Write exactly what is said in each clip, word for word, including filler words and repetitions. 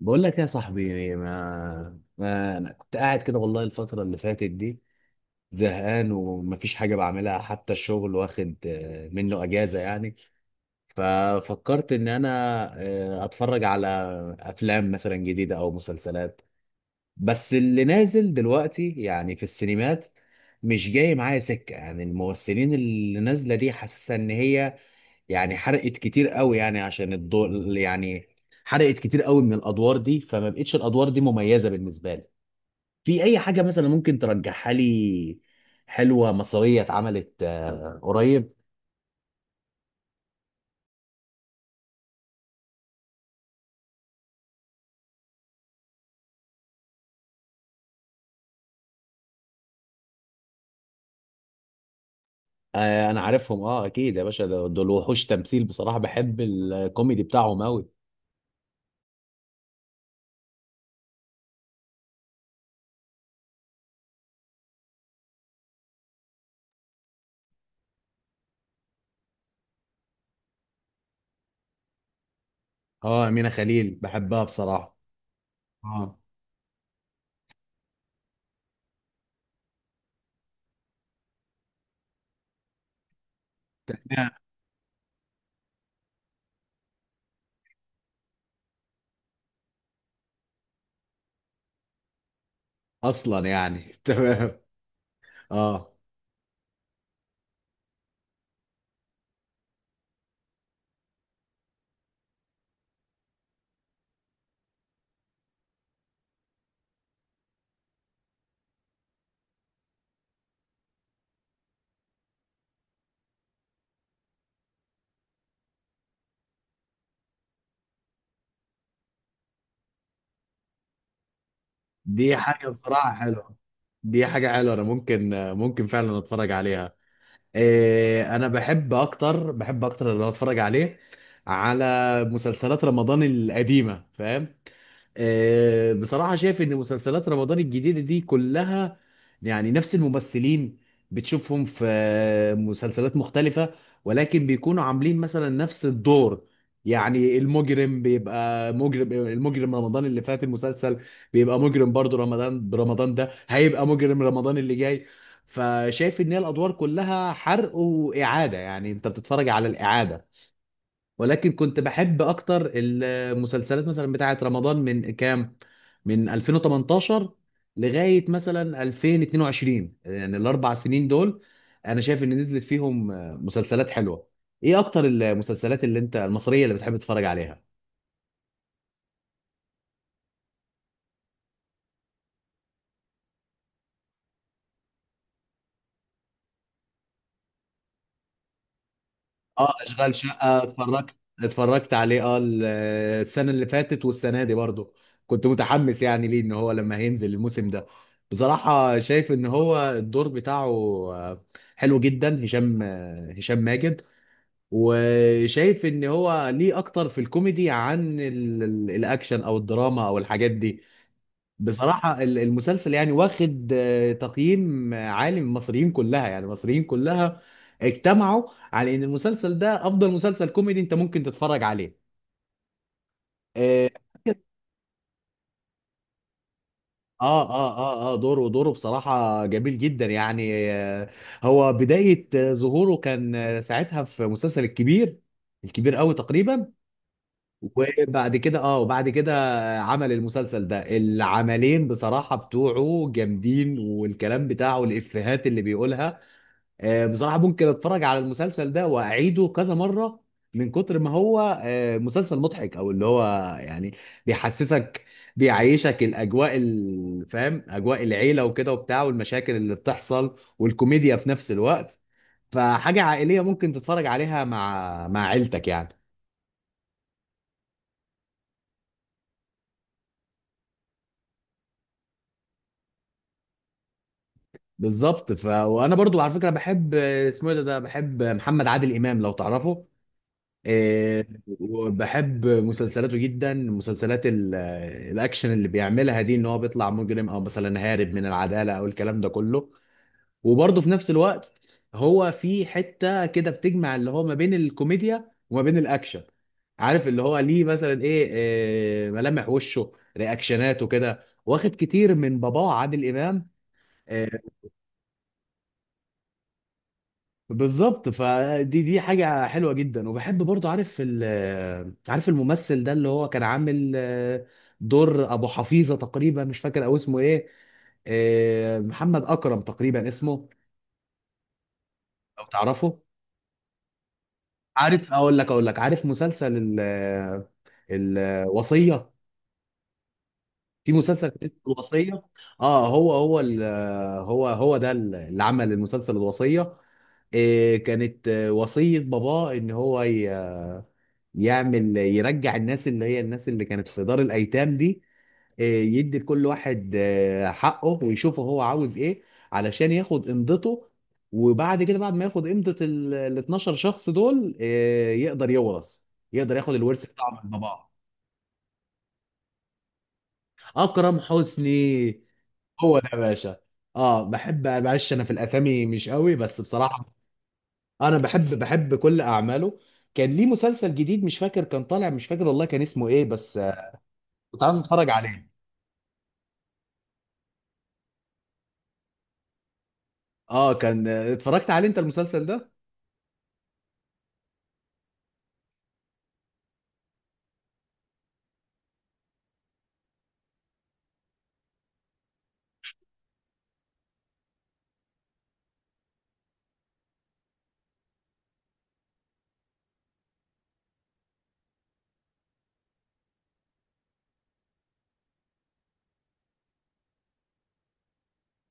بقول لك يا صاحبي ما, ما انا كنت قاعد كده والله الفترة اللي فاتت دي زهقان ومفيش حاجة بعملها، حتى الشغل واخد آه، منه اجازة يعني. ففكرت ان انا آه، اتفرج على افلام مثلا جديدة او مسلسلات. بس اللي نازل دلوقتي يعني في السينمات مش جاي معايا سكة، يعني الممثلين اللي نازلة دي حاسسها ان هي يعني حرقت كتير قوي يعني عشان الدور، يعني حرقت كتير قوي من الادوار دي فما بقتش الادوار دي مميزه بالنسبه لي. في اي حاجه مثلا ممكن ترجحها لي؟ حلوه مصريه اتعملت آه، قريب؟ آه، انا عارفهم اه اكيد يا باشا، دول دول وحوش تمثيل بصراحه، بحب الكوميدي بتاعهم قوي. اه امينه خليل بحبها بصراحه. اه. اصلا يعني تمام. اه دي حاجه بصراحه حلوه. دي حاجه حلوه انا ممكن، ممكن فعلا اتفرج عليها. إيه، انا بحب اكتر، بحب اكتر اللي اتفرج عليه على مسلسلات رمضان القديمه، فاهم؟ آه، بصراحة شايف إن مسلسلات رمضان الجديدة دي كلها يعني نفس الممثلين، بتشوفهم في آه، مسلسلات مختلفة، ولكن بيكونوا عاملين مثلا نفس الدور. يعني المجرم بيبقى مجرم، المجرم رمضان اللي فات المسلسل بيبقى مجرم، برضه رمضان، برمضان ده هيبقى مجرم، رمضان اللي جاي. فشايف إن هي الأدوار كلها حرق وإعادة، يعني أنت بتتفرج على الإعادة. ولكن كنت بحب اكتر المسلسلات مثلا بتاعه رمضان من كام، من ألفين وتمنتاشر لغايه مثلا ألفين واتنين وعشرين، يعني الاربع سنين دول انا شايف ان نزلت فيهم مسلسلات حلوه. ايه اكتر المسلسلات اللي انت المصريه اللي بتحب تتفرج عليها؟ اه اشغال شقه اتفرجت، اتفرجت عليه اه. ال- السنه اللي فاتت والسنه دي برضه كنت متحمس يعني ليه، ان هو لما هينزل الموسم ده. بصراحه شايف ان هو الدور بتاعه آه، حلو جدا، هشام آه، هشام ماجد. وشايف ان هو ليه اكتر في الكوميدي عن ال- ال- الاكشن او الدراما او الحاجات دي. بصراحة ال- المسلسل يعني واخد آه، تقييم عالي من المصريين كلها، يعني المصريين كلها اجتمعوا على ان المسلسل ده افضل مسلسل كوميدي انت ممكن تتفرج عليه. آه. اه اه اه اه، دوره دوره بصراحة جميل جدا يعني. آه، هو بداية آه، ظهوره كان آه، ساعتها في مسلسل الكبير، الكبير قوي تقريبا. وبعد كده اه، وبعد كده آه، عمل المسلسل ده. العملين بصراحة بتوعه جامدين والكلام بتاعه الإفيهات اللي بيقولها، آه، بصراحة ممكن اتفرج على المسلسل ده واعيده كذا مرة من كتر ما هو آه، مسلسل مضحك، او اللي هو يعني بيحسسك، بيعيشك الاجواء ال- فاهم، اجواء العيلة وكده وبتاع، والمشاكل اللي بتحصل والكوميديا في نفس الوقت. فحاجة عائلية ممكن تتفرج عليها مع مع عيلتك يعني. بالظبط. ف... وانا برضو على فكرة بحب آه، اسمه إيه ده، ده بحب محمد عادل امام، لو تعرفه. إيه. وبحب مسلسلاته جدا، مسلسلات ال- الاكشن اللي بيعملها دي، ان هو بيطلع مجرم او مثلا هارب من العداله او الكلام ده كله. وبرضه في نفس الوقت هو في حته كده بتجمع اللي هو ما بين الكوميديا وما بين الاكشن. عارف اللي هو ليه مثلا ايه، إيه، ملامح وشه، رياكشناته كده واخد كتير من باباه عادل امام. آه، بالظبط. فدي دي حاجة حلوة جدا. وبحب برضو، عارف ال- عارف الممثل ده اللي هو كان عامل آه، دور أبو حفيظة تقريبا مش فاكر أو اسمه إيه، آه، محمد أكرم تقريبا اسمه، لو تعرفه. عارف، أقول لك أقول لك عارف مسلسل ال- آه، الوصية، في مسلسل كان اسمه الوصية. اه هو هو ال- آه، هو هو ده اللي عمل المسلسل الوصية. آه، كانت آه، وصية باباه إن هو ي- يعمل، يرجع الناس اللي هي الناس اللي كانت في دار الايتام دي، آه، يدي لكل واحد آه، حقه ويشوفه هو عاوز ايه، علشان ياخد قيمته. وبعد كده بعد ما ياخد قيمة ال ال اثنا عشر شخص دول آه، يقدر يورث، يقدر ياخد الورث بتاعه من باباه. اكرم حسني، هو ده يا باشا. اه بحب، معلش انا في الاسامي مش قوي بس بصراحة انا بحب، بحب كل اعماله. كان ليه مسلسل جديد مش فاكر كان طالع، مش فاكر والله كان اسمه ايه بس آه، كنت عايز اتفرج عليه. اه كان اتفرجت عليه انت المسلسل ده؟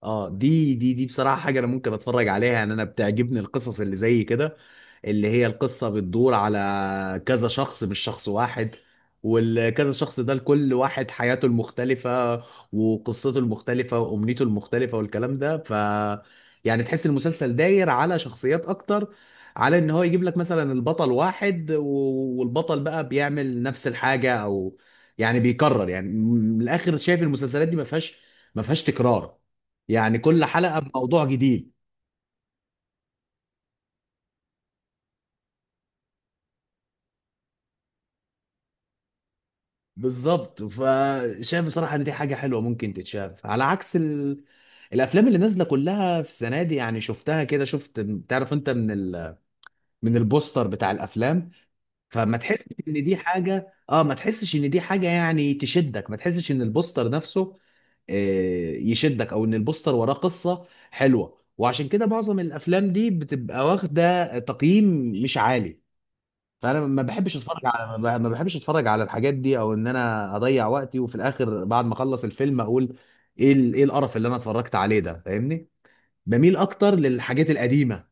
اه دي دي دي بصراحة حاجة انا ممكن اتفرج عليها، يعني انا بتعجبني القصص اللي زي كده، اللي هي القصة بتدور على كذا شخص مش شخص واحد، والكذا شخص ده لكل واحد حياته المختلفة وقصته المختلفة وأمنيته المختلفة والكلام ده. ف يعني تحس المسلسل داير على شخصيات أكتر، على إن هو يجيب لك مثلا البطل واحد و- والبطل بقى بيعمل نفس الحاجة أو يعني بيكرر، يعني من الآخر شايف المسلسلات دي ما فيهاش، ما فيهاش تكرار، يعني كل حلقة بموضوع جديد. بالظبط. فشايف بصراحة ان دي حاجة حلوة ممكن تتشاف على عكس ال... الافلام اللي نازلة كلها في السنة دي. يعني شفتها كده، شفت، تعرف انت من ال... من البوستر بتاع الافلام، فما تحسش ان دي حاجة اه، ما تحسش ان دي حاجة يعني تشدك، ما تحسش ان البوستر نفسه آه، يشدك، او ان البوستر وراه قصة حلوة. وعشان كده معظم الافلام دي بتبقى واخدة تقييم مش عالي، فانا ما بحبش اتفرج على، ما بح- ما بحبش اتفرج على الحاجات دي، او ان انا اضيع وقتي وفي الاخر بعد ما اخلص الفيلم اقول ايه ال- ايه القرف اللي انا اتفرجت عليه ده، فاهمني. بميل اكتر للحاجات القديمه،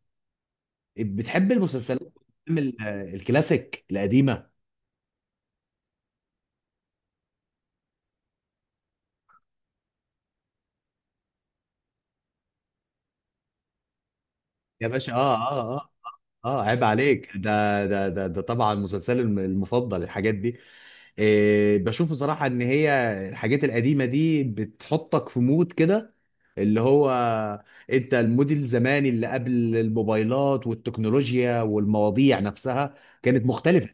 بتحب المسلسلات والأفلام ال- الكلاسيك القديمه. يا باشا اه اه آه. اه عيب عليك، ده ده ده, ده طبعا مسلسلي الم- المفضل الحاجات دي. إيه بشوف بصراحة ان هي الحاجات القديمة دي بتحطك في مود كده، اللي هو، انت المود الزماني اللي قبل الموبايلات والتكنولوجيا، والمواضيع نفسها كانت مختلفة.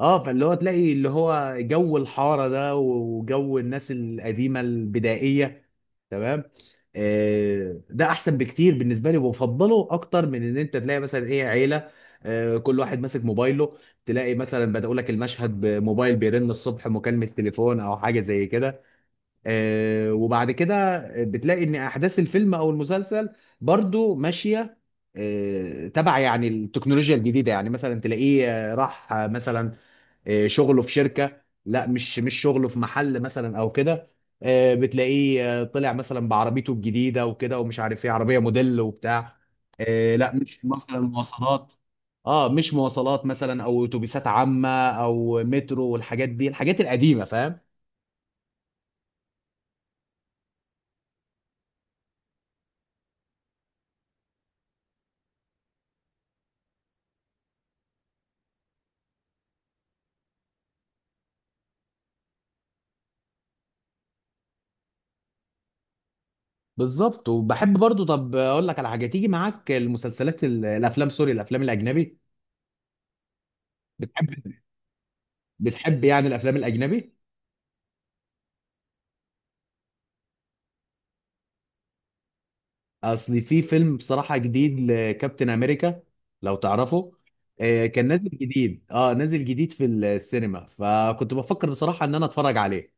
اه فاللي هو تلاقي اللي هو جو الحارة ده، وجو الناس القديمة البدائية. تمام. آه ده احسن بكتير بالنسبة لي، وبفضله اكتر من ان انت تلاقي مثلا ايه عيلة آه، كل واحد ماسك موبايله، تلاقي مثلا بدأوا لك المشهد بموبايل بيرن الصبح مكالمة تليفون او حاجة زي كده. آه وبعد كده بتلاقي ان احداث الفيلم او المسلسل برضو ماشية آه، تبع يعني التكنولوجيا الجديدة، يعني مثلا تلاقيه آه، راح آه، مثلا آه، شغله في شركه، لا مش مش شغله في محل مثلا او كده. آه، بتلاقيه آه، طلع مثلا بعربيته الجديده وكده ومش عارف ايه عربيه موديل وبتاع. آه، لا مش مثلا مواصلات، اه مش مواصلات مثلا او اتوبيسات عامه او مترو والحاجات دي، الحاجات القديمه، فاهم. بالظبط. وبحب برضو، طب اقول لك على حاجه تيجي معاك، المسلسلات ال- الافلام، سوري الافلام الاجنبي، بتحب، بتحب يعني الافلام الاجنبي؟ اصل في فيلم بصراحة جديد لكابتن امريكا، لو تعرفه. آه، كان نازل جديد، اه نازل جديد في السينما، فكنت بفكر بصراحة ان انا اتفرج عليه.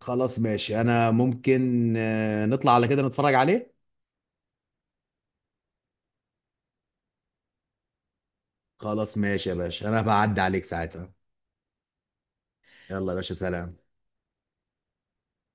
خلاص ماشي، انا ممكن آه، نطلع على كده نتفرج عليه. خلاص ماشي يا باشا، انا بعدي عليك ساعتها. يلا يا باشا، سلام.